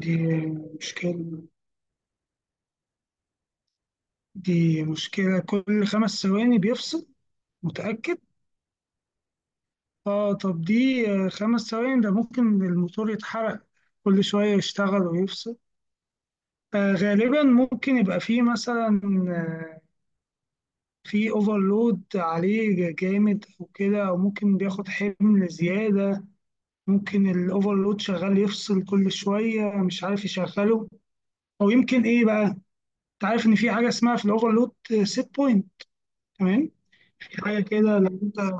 دي مشكلة دي مشكلة كل خمس ثواني بيفصل. متأكد؟ اه، طب دي خمس ثواني ده ممكن الموتور يتحرق. كل شوية يشتغل ويفصل. غالبا ممكن يبقى فيه مثلا آه في اوفرلود عليه جامد او كده، او ممكن بياخد حمل زيادة. ممكن الاوفرلود شغال يفصل كل شوية، مش عارف يشغله، او يمكن ايه بقى. انت عارف ان في حاجة اسمها في الاوفرلود سيت بوينت؟ تمام. في حاجة كده لو أنت،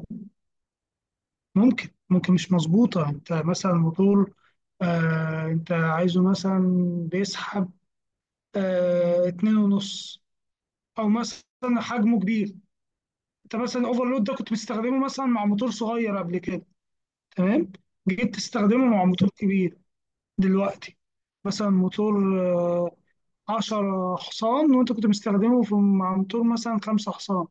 ممكن مش مظبوطة. أنت مثلا موتور، أنت عايزه مثلا بيسحب اتنين ونص، أو مثلا حجمه كبير. أنت مثلا أوفرلود ده كنت بتستخدمه مثلا مع موتور صغير قبل كده، تمام، جيت تستخدمه مع موتور كبير دلوقتي. مثلا موتور 10 حصان، وأنت كنت مستخدمه في مع موتور مثلا 5 حصان،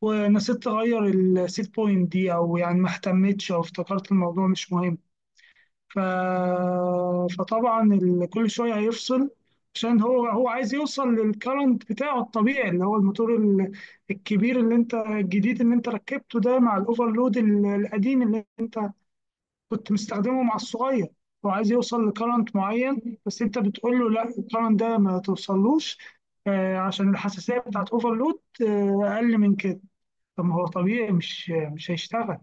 ونسيت تغير السيت بوينت دي، أو يعني ما اهتمتش أو افتكرت الموضوع مش مهم. ف... فطبعا كل شويه هيفصل، عشان هو عايز يوصل للكرنت بتاعه الطبيعي، اللي هو الموتور الكبير اللي انت الجديد اللي انت ركبته ده، مع الاوفرلود القديم اللي كنت مستخدمه مع الصغير. هو عايز يوصل لكرنت معين، بس انت بتقول له لا الكرنت ده ما توصلوش، عشان الحساسيه بتاعت اوفرلود اقل من كده. طب ما هو طبيعي مش هيشتغل.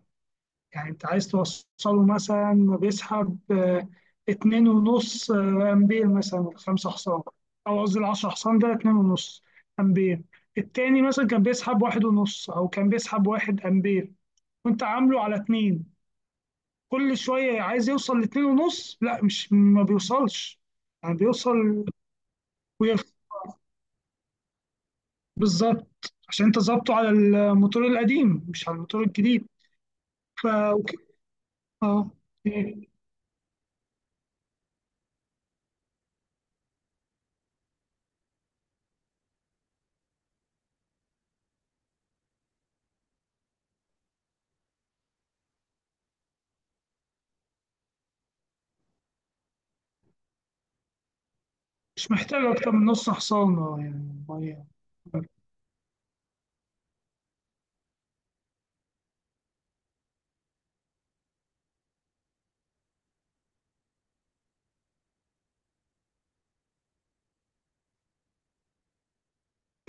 يعني انت عايز توصله مثلا بيسحب اتنين ونص امبير مثلا، ولا خمسة حصان، او قصدي العشرة حصان ده اتنين ونص امبير. التاني مثلا كان بيسحب واحد ونص، او كان بيسحب واحد امبير، وانت عامله على اتنين. كل شوية عايز يوصل لاتنين ونص، لا مش ما بيوصلش، يعني بيوصل. ويخ، بالظبط، عشان انت ظابطه على الموتور القديم مش على الموتور الجديد. أوكي. اه، يعني مش محتاج اكتر من نص حصان، اه يعني.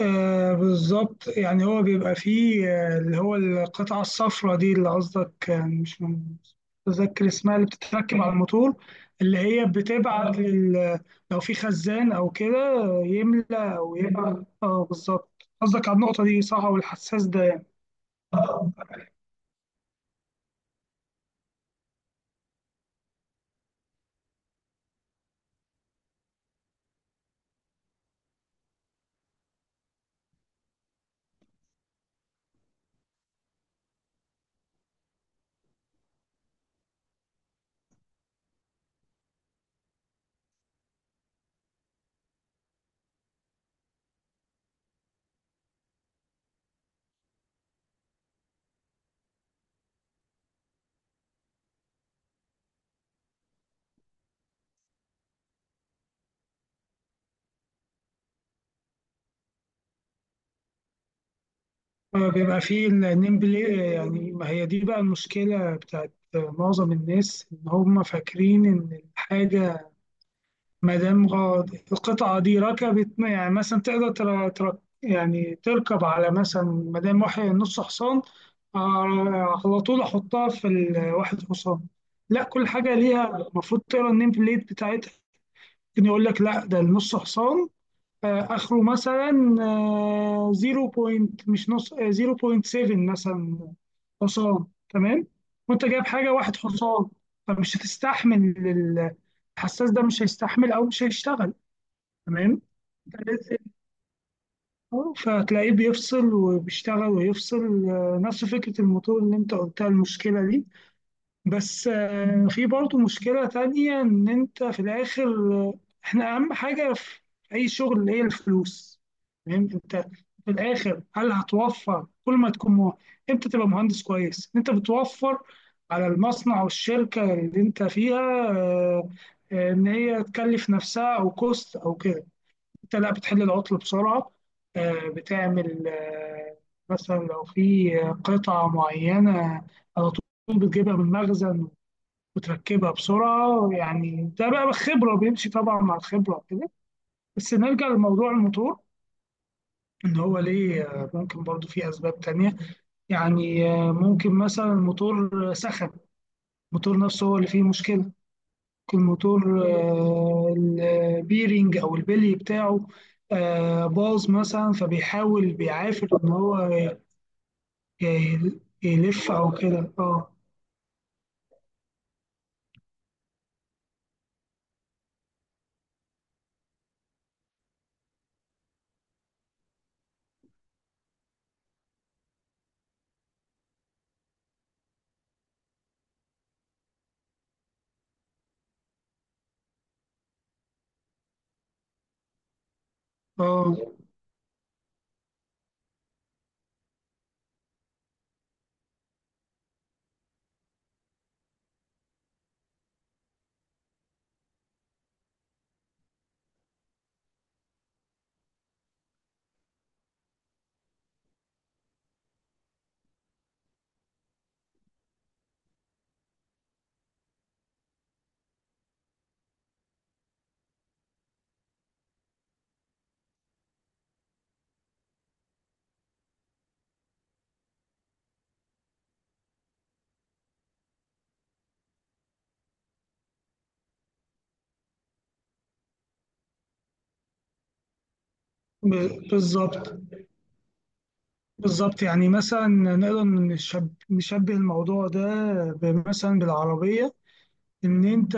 آه، بالظبط، يعني هو بيبقى فيه اللي هو القطعة الصفراء دي اللي قصدك، مش مش متذكر اسمها، اللي بتتركب على الموتور، اللي هي بتبعت لو في خزان أو كده، يملى أو يبعت، اه بالظبط، قصدك على النقطة دي صح والحساس ده. آه، بيبقى فيه النيم بلاي. يعني ما هي دي بقى المشكلة بتاعت معظم الناس، إن هم فاكرين إن الحاجة ما دام القطعة دي ركبت، يعني مثلا تقدر يعني تركب على مثلا ما دام واحد نص حصان، على طول أحطها في الواحد حصان. لا، كل حاجة ليها المفروض تقرا النيم بليت بتاعتها. ممكن يقول لك لا ده النص حصان، آخره مثلا 0. مش نص، 0.7 مثلا حصان، تمام، وأنت جايب حاجة واحد حصان، فمش هتستحمل. ال- الحساس ده مش هيستحمل أو مش هيشتغل. تمام. تلات سلكه، فهتلاقيه بيفصل وبيشتغل ويفصل، نفس فكرة الموتور اللي انت قلتها المشكلة دي. بس في برضو مشكلة تانية، ان انت في الاخر احنا اهم حاجة في اي شغل هي الفلوس. تمام. انت في الاخر هل هتوفر كل ما تكون امتى تبقى مهندس كويس انت بتوفر على المصنع والشركة اللي انت فيها، ان هي تكلف نفسها او كوست او كده. انت لا، بتحل العطل بسرعة، بتعمل مثلا لو في قطعة معينة على طول بتجيبها من المخزن وتركبها بسرعة، يعني ده بقى خبرة بيمشي طبعا مع الخبرة كده. بس نرجع لموضوع الموتور، إن هو ليه ممكن برضو في أسباب تانية. يعني ممكن مثلا الموتور سخن، الموتور نفسه هو اللي فيه مشكلة. الموتور البيرنج او البلي بتاعه باظ مثلا، فبيحاول بيعافر ان هو يلف او كده. اه. اه، بالظبط. بالظبط، يعني مثلا نقدر نشبه الموضوع ده مثلا بالعربية، ان انت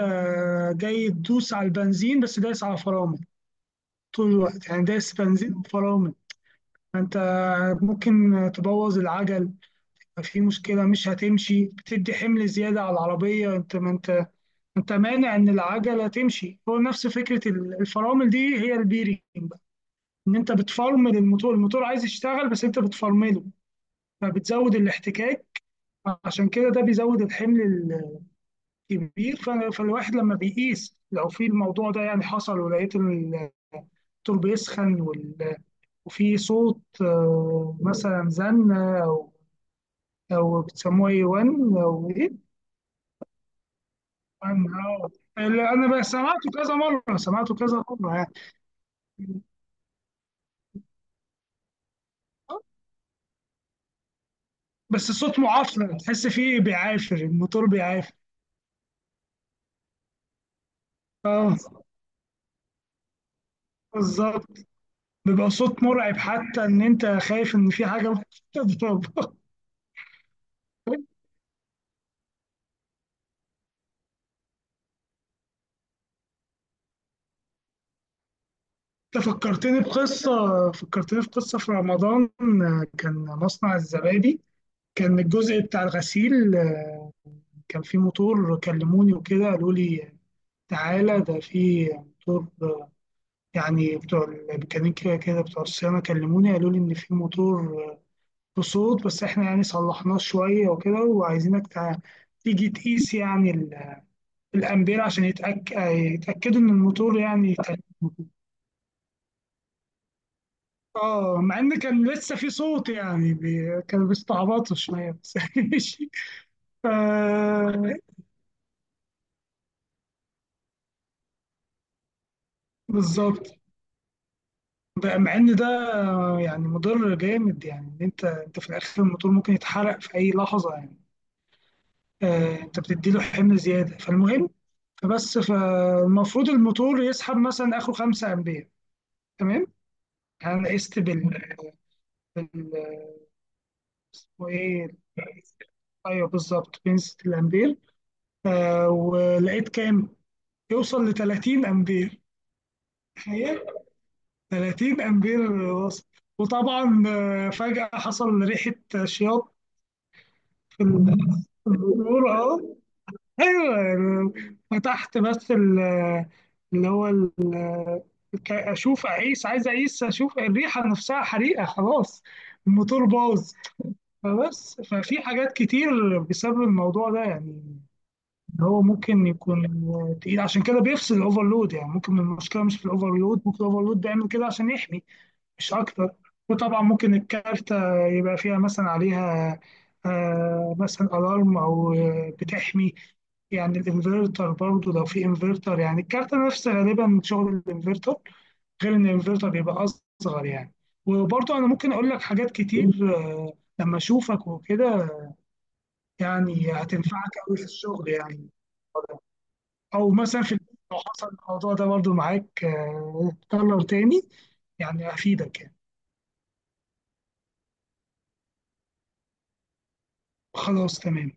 جاي تدوس على البنزين بس دايس على فرامل طول الوقت، يعني دايس بنزين فرامل، فانت ممكن تبوظ العجل. في مشكلة، مش هتمشي، بتدي حمل زيادة على العربية، انت، ما انت مانع ان العجلة تمشي. هو نفس فكرة الفرامل دي هي البيرنج بقى، ان انت بتفرمل الموتور. الموتور عايز يشتغل بس انت بتفرمله، فبتزود الاحتكاك، عشان كده ده بيزود الحمل الكبير. فالواحد لما بيقيس لو في الموضوع ده، يعني حصل ولقيت الدكتور بيسخن وفي صوت مثلا زن، او بتسموه اي 1 او، أنا أنا بقى سمعته كذا مرة، سمعته كذا مرة يعني، بس الصوت معفن، تحس فيه بيعافر الموتور بيعافر. اه بالظبط، بيبقى صوت مرعب حتى ان انت خايف ان في حاجه ممكن تضرب. انت فكرتني بقصه، فكرتني في قصه في رمضان، كان مصنع الزبادي، كان الجزء بتاع الغسيل، كان في موتور كلموني وكده، قالوا لي تعالى ده في موتور، يعني بتوع الميكانيكا كده بتوع الصيانة كلموني قالوا لي إن في موتور بصوت، بس إحنا يعني صلحناه شوية وكده، وعايزينك تيجي تقيس يعني الأمبير عشان يتأكدوا إن الموتور يعني آه، مع إن كان لسه في صوت يعني كانوا بيستعبطوا شوية بس. ماشي. ف... بالظبط. مع إن ده يعني مضر جامد، يعني إن أنت في الآخر الموتور ممكن يتحرق في أي لحظة يعني. انت بتدي له حمل زياده، فالمهم، فبس، فالمفروض الموتور يسحب مثلا اخره 5 امبير. تمام. انا قست بال- اسمه ايه. ايوه بالظبط، بنسة الامبير. ولقيت كام، يوصل ل 30 امبير. تخيل، 30 امبير وصل. وطبعا فجأة حصل ريحة شياط في في البلور اه، ايوه يعني، فتحت بس اللي هو اشوف اعيش، عايز اعيش اشوف الريحه نفسها حريقه، خلاص الموتور باظ. فبس ففي حاجات كتير بسبب الموضوع ده، يعني إن هو ممكن يكون تقيل، عشان كده بيفصل الاوفرلود، يعني ممكن المشكله مش في الاوفرلود، ممكن الاوفرلود بيعمل كده عشان يحمي مش اكتر. وطبعا ممكن الكارتة يبقى فيها مثلا عليها مثلا الارم، او بتحمي يعني الانفرتر، برضو لو في انفرتر، يعني الكارتة نفس غالبا شغل الانفرتر غير ان الفلتر بيبقى اصغر يعني. وبرضه انا ممكن اقول لك حاجات كتير لما اشوفك وكده، يعني هتنفعك قوي في الشغل يعني، او مثلا في البيت لو حصل الموضوع ده برضه معاك اتكرر تاني، يعني افيدك يعني. خلاص تمام.